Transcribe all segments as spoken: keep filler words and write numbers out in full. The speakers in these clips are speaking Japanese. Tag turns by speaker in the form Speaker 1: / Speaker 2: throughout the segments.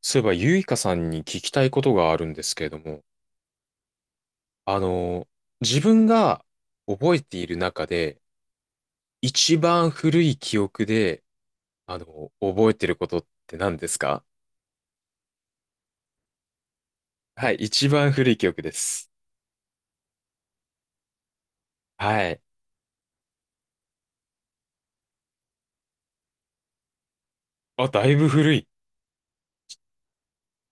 Speaker 1: そういえば、ゆいかさんに聞きたいことがあるんですけれども、あの、自分が覚えている中で、一番古い記憶で、あの、覚えてることって何ですか？はい、一番古い記憶です。はい。あ、だいぶ古い。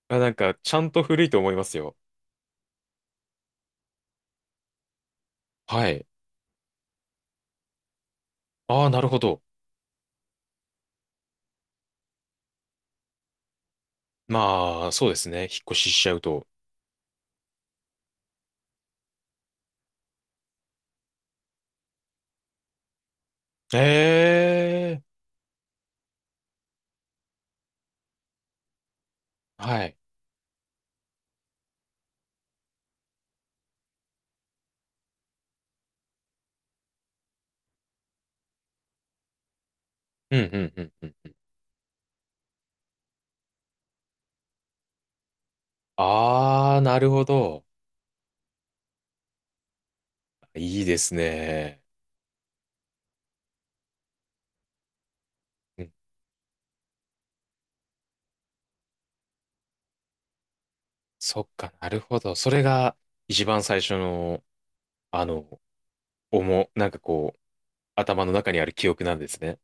Speaker 1: あ、なんか、ちゃんと古いと思いますよ。はい。ああ、なるほど。まあ、そうですね。引っ越ししちゃうと。ええ、はい。うん、うん、うん、うん。ああ、なるほど。いいですね。そっか、なるほど。それが一番最初の、あの、思う、なんかこう、頭の中にある記憶なんですね。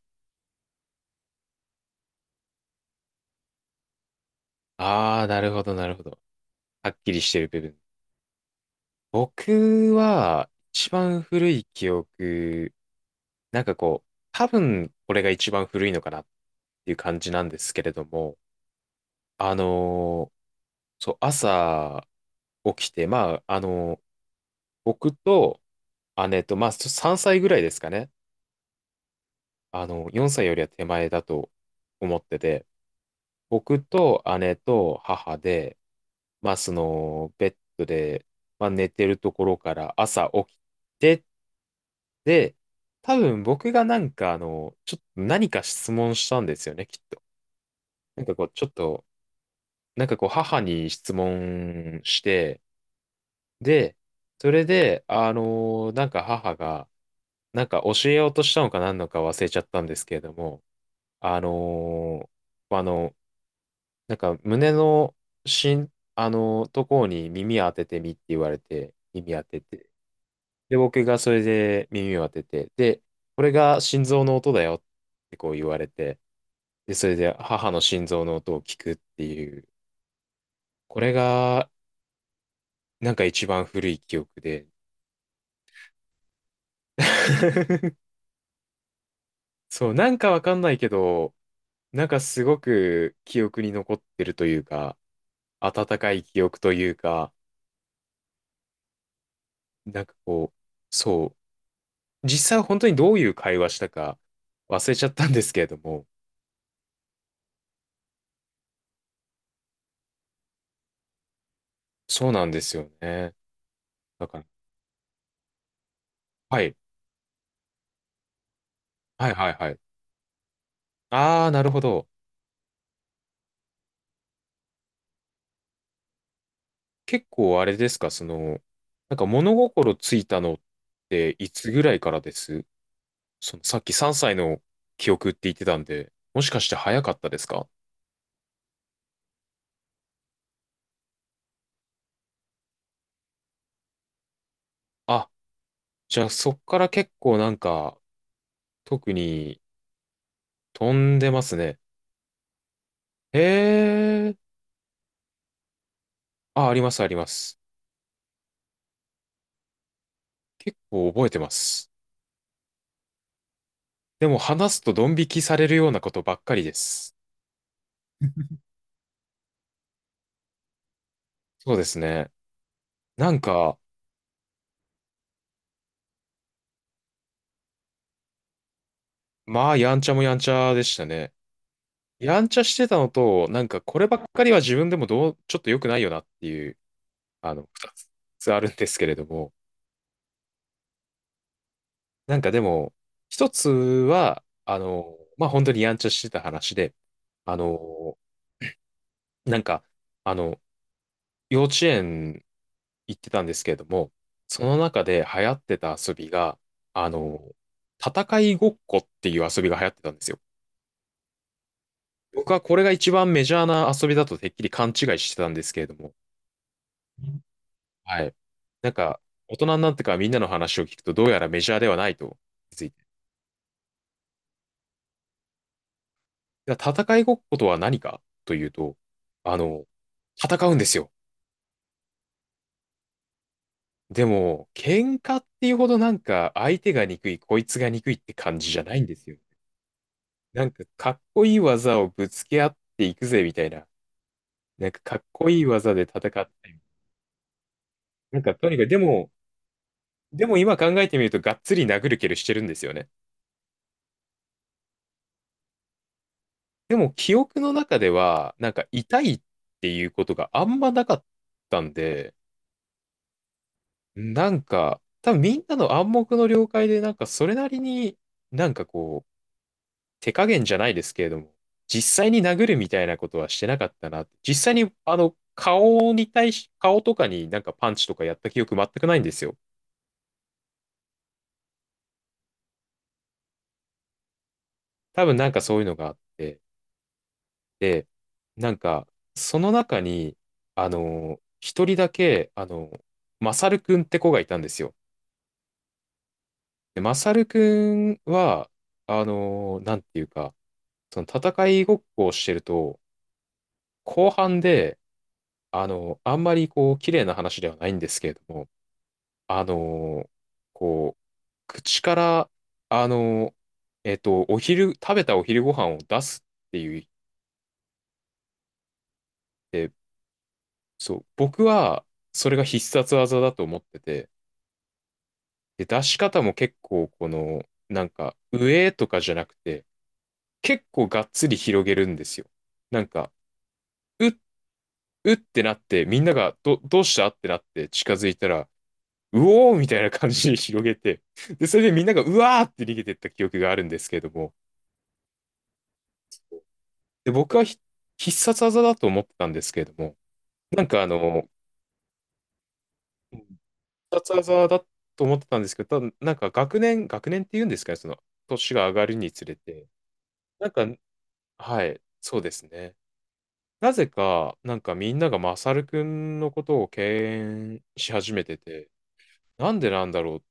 Speaker 1: ああ、なるほど、なるほど。はっきりしてる部分。僕は、一番古い記憶、なんかこう、多分、これが一番古いのかなっていう感じなんですけれども、あのーそう、朝起きて、まあ、あのー僕と姉と、まあ、さんさいぐらいですかね。あの、よんさいよりは手前だと思ってて、僕と姉と母で、まあ、その、ベッドで、まあ、寝てるところから朝起きて、で、多分僕がなんか、あの、ちょっと何か質問したんですよね、きっと。なんかこう、ちょっと、なんかこう、母に質問して、で、それで、あの、なんか母が、なんか教えようとしたのか何のか忘れちゃったんですけれども、あの、あの、なんか胸のしん、あの、ところに耳当ててみって言われて、耳当てて。で、僕がそれで耳を当てて、で、これが心臓の音だよってこう言われて、で、それで母の心臓の音を聞くっていう、これがなんか一番古い記憶で。そう、なんかわかんないけど、なんかすごく記憶に残ってるというか、温かい記憶というか、なんかこう、そう、実際本当にどういう会話したか忘れちゃったんですけれども、そうなんですよね。だから、はい、はいはいはい。ああ、なるほど。結構あれですか、その、なんか物心ついたのっていつぐらいからです？そのさっきさんさいの記憶って言ってたんで、もしかして早かったですか？あ、じゃあそっから結構なんか、特に飛んでますね。へえ、あ、ありますあります。結構覚えてます。でも話すとドン引きされるようなことばっかりです。そうですね。なんか、まあ、やんちゃもやんちゃでしたね。やんちゃしてたのと、なんか、こればっかりは自分でもどう、ちょっと良くないよなっていう、あの、二つあるんですけれども、なんかでも、一つは、あの、まあ、本当にやんちゃしてた話で、あの、なんか、あの、幼稚園行ってたんですけれども、その中で流行ってた遊びが、あの、戦いごっこっていう遊びが流行ってたんですよ。僕はこれが一番メジャーな遊びだとてっきり勘違いしてたんですけれども、はい。なんか、大人になってからみんなの話を聞くと、どうやらメジャーではないと気づいて。じゃあ戦いごっことは何かというと、あの、戦うんですよ。でも、喧嘩っていうほどなんか、相手が憎い、こいつが憎いって感じじゃないんですよ。なんかかっこいい技をぶつけ合っていくぜみたいな。なんかかっこいい技で戦って。なんかとにかく、でも、でも今考えてみるとがっつり殴る蹴るしてるんですよね。でも記憶の中では、なんか痛いっていうことがあんまなかったんで、なんか多分みんなの暗黙の了解でなんかそれなりになんかこ手加減じゃないですけれども、実際に殴るみたいなことはしてなかったな。実際に、あの、顔に対し、顔とかになんかパンチとかやった記憶全くないんですよ。多分なんかそういうのがあって、で、なんか、その中に、あの、一人だけ、あの、マサルくんって子がいたんですよ。で、マサルくんは、あの、なんていうか、その戦いごっこをしてると、後半で、あの、あんまりこう、綺麗な話ではないんですけれども、あのーこう、口から、あのーえっと、お昼、食べたお昼ご飯を出すっていう、で、そう、僕は、それが必殺技だと思ってて、で、出し方も結構、この、なんか、上とかじゃなくて、結構がっつり広げるんですよ。なんか、うっ、うってなって、みんなが、ど、どうしたってなって近づいたら、うおーみたいな感じに広げて、で、それでみんなが、うわーって逃げてった記憶があるんですけれども、で、僕はひ必殺技だと思ってたんですけれども、なんかあの、うん必殺技だと思ってたんですけど、ただなんか学年、学年っていうんですかね、その、年が上がるにつれて、なんか、はい、そうですね。なぜか、なんかみんながマサルくんのことを敬遠し始めてて、なんでなんだろう、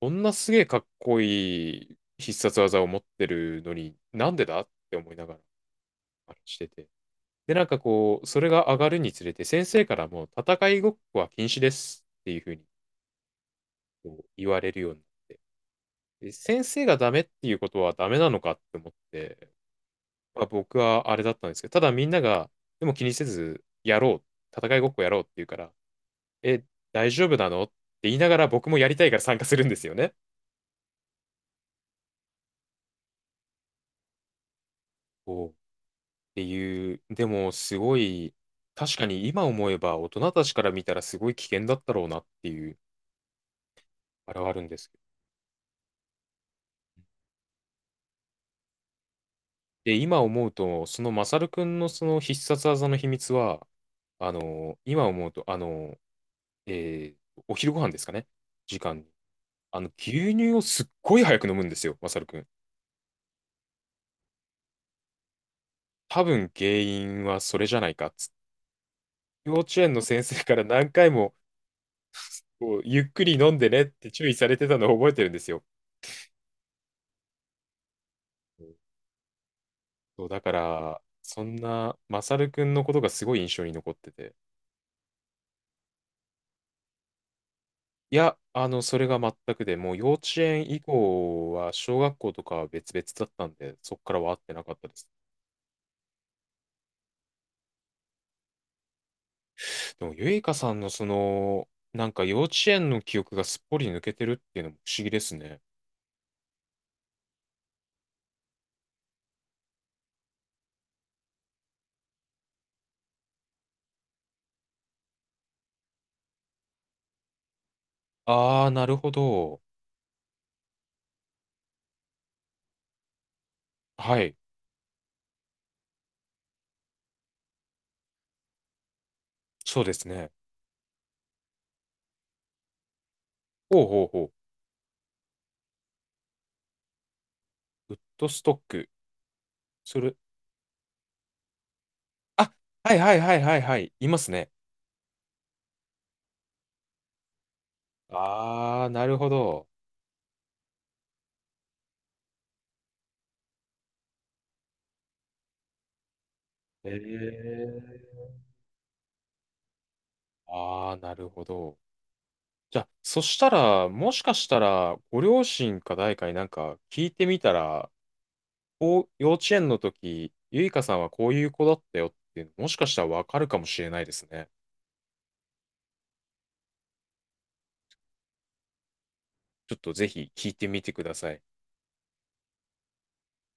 Speaker 1: こんなすげえかっこいい必殺技を持ってるのに、なんでだって思いながら、あれしてて。で、なんかこう、それが上がるにつれて、先生からもう戦いごっこは禁止ですっていうふうにこう言われるようになって、で先生がダメっていうことはダメなのかって思って、まあ、僕はあれだったんですけど、ただみんなが、でも気にせず、やろう、戦いごっこやろうって言うから、え、大丈夫なのって言いながら僕もやりたいから参加するんですよね。こうっていう、でもすごい、確かに今思えば大人たちから見たらすごい危険だったろうなっていう、あれはあるんですけど。で、今思うと、そのマサルくんのその必殺技の秘密は、あの、今思うと、あの、えーお昼ご飯ですかね、時間に。あの、牛乳をすっごい早く飲むんですよ、マサルくん。多分原因はそれじゃないかっつって。幼稚園の先生から何回もこうゆっくり飲んでねって注意されてたのを覚えてるんですよ。そう、だから、そんなマサルくんのことがすごい印象に残ってて。いや、あの、それが全くで、もう幼稚園以降は、小学校とかは別々だったんで、そっからは会ってなかったです。でも、ゆいかさんのその、なんか幼稚園の記憶がすっぽり抜けてるっていうのも不思議ですね。あー、なるほど。はい、そうですね。ほうほうほう。ウッドストック。それ、あ、はいはいはいはいはい、いますね。あー、なるほど。えー。あー、なるほど。じゃあ、そしたら、もしかしたら、ご両親か誰かになんか聞いてみたら、こう、幼稚園の時、ゆいかさんはこういう子だったよっていうの、もしかしたらわかるかもしれないですね。ちょっとぜひ聞いてみてください。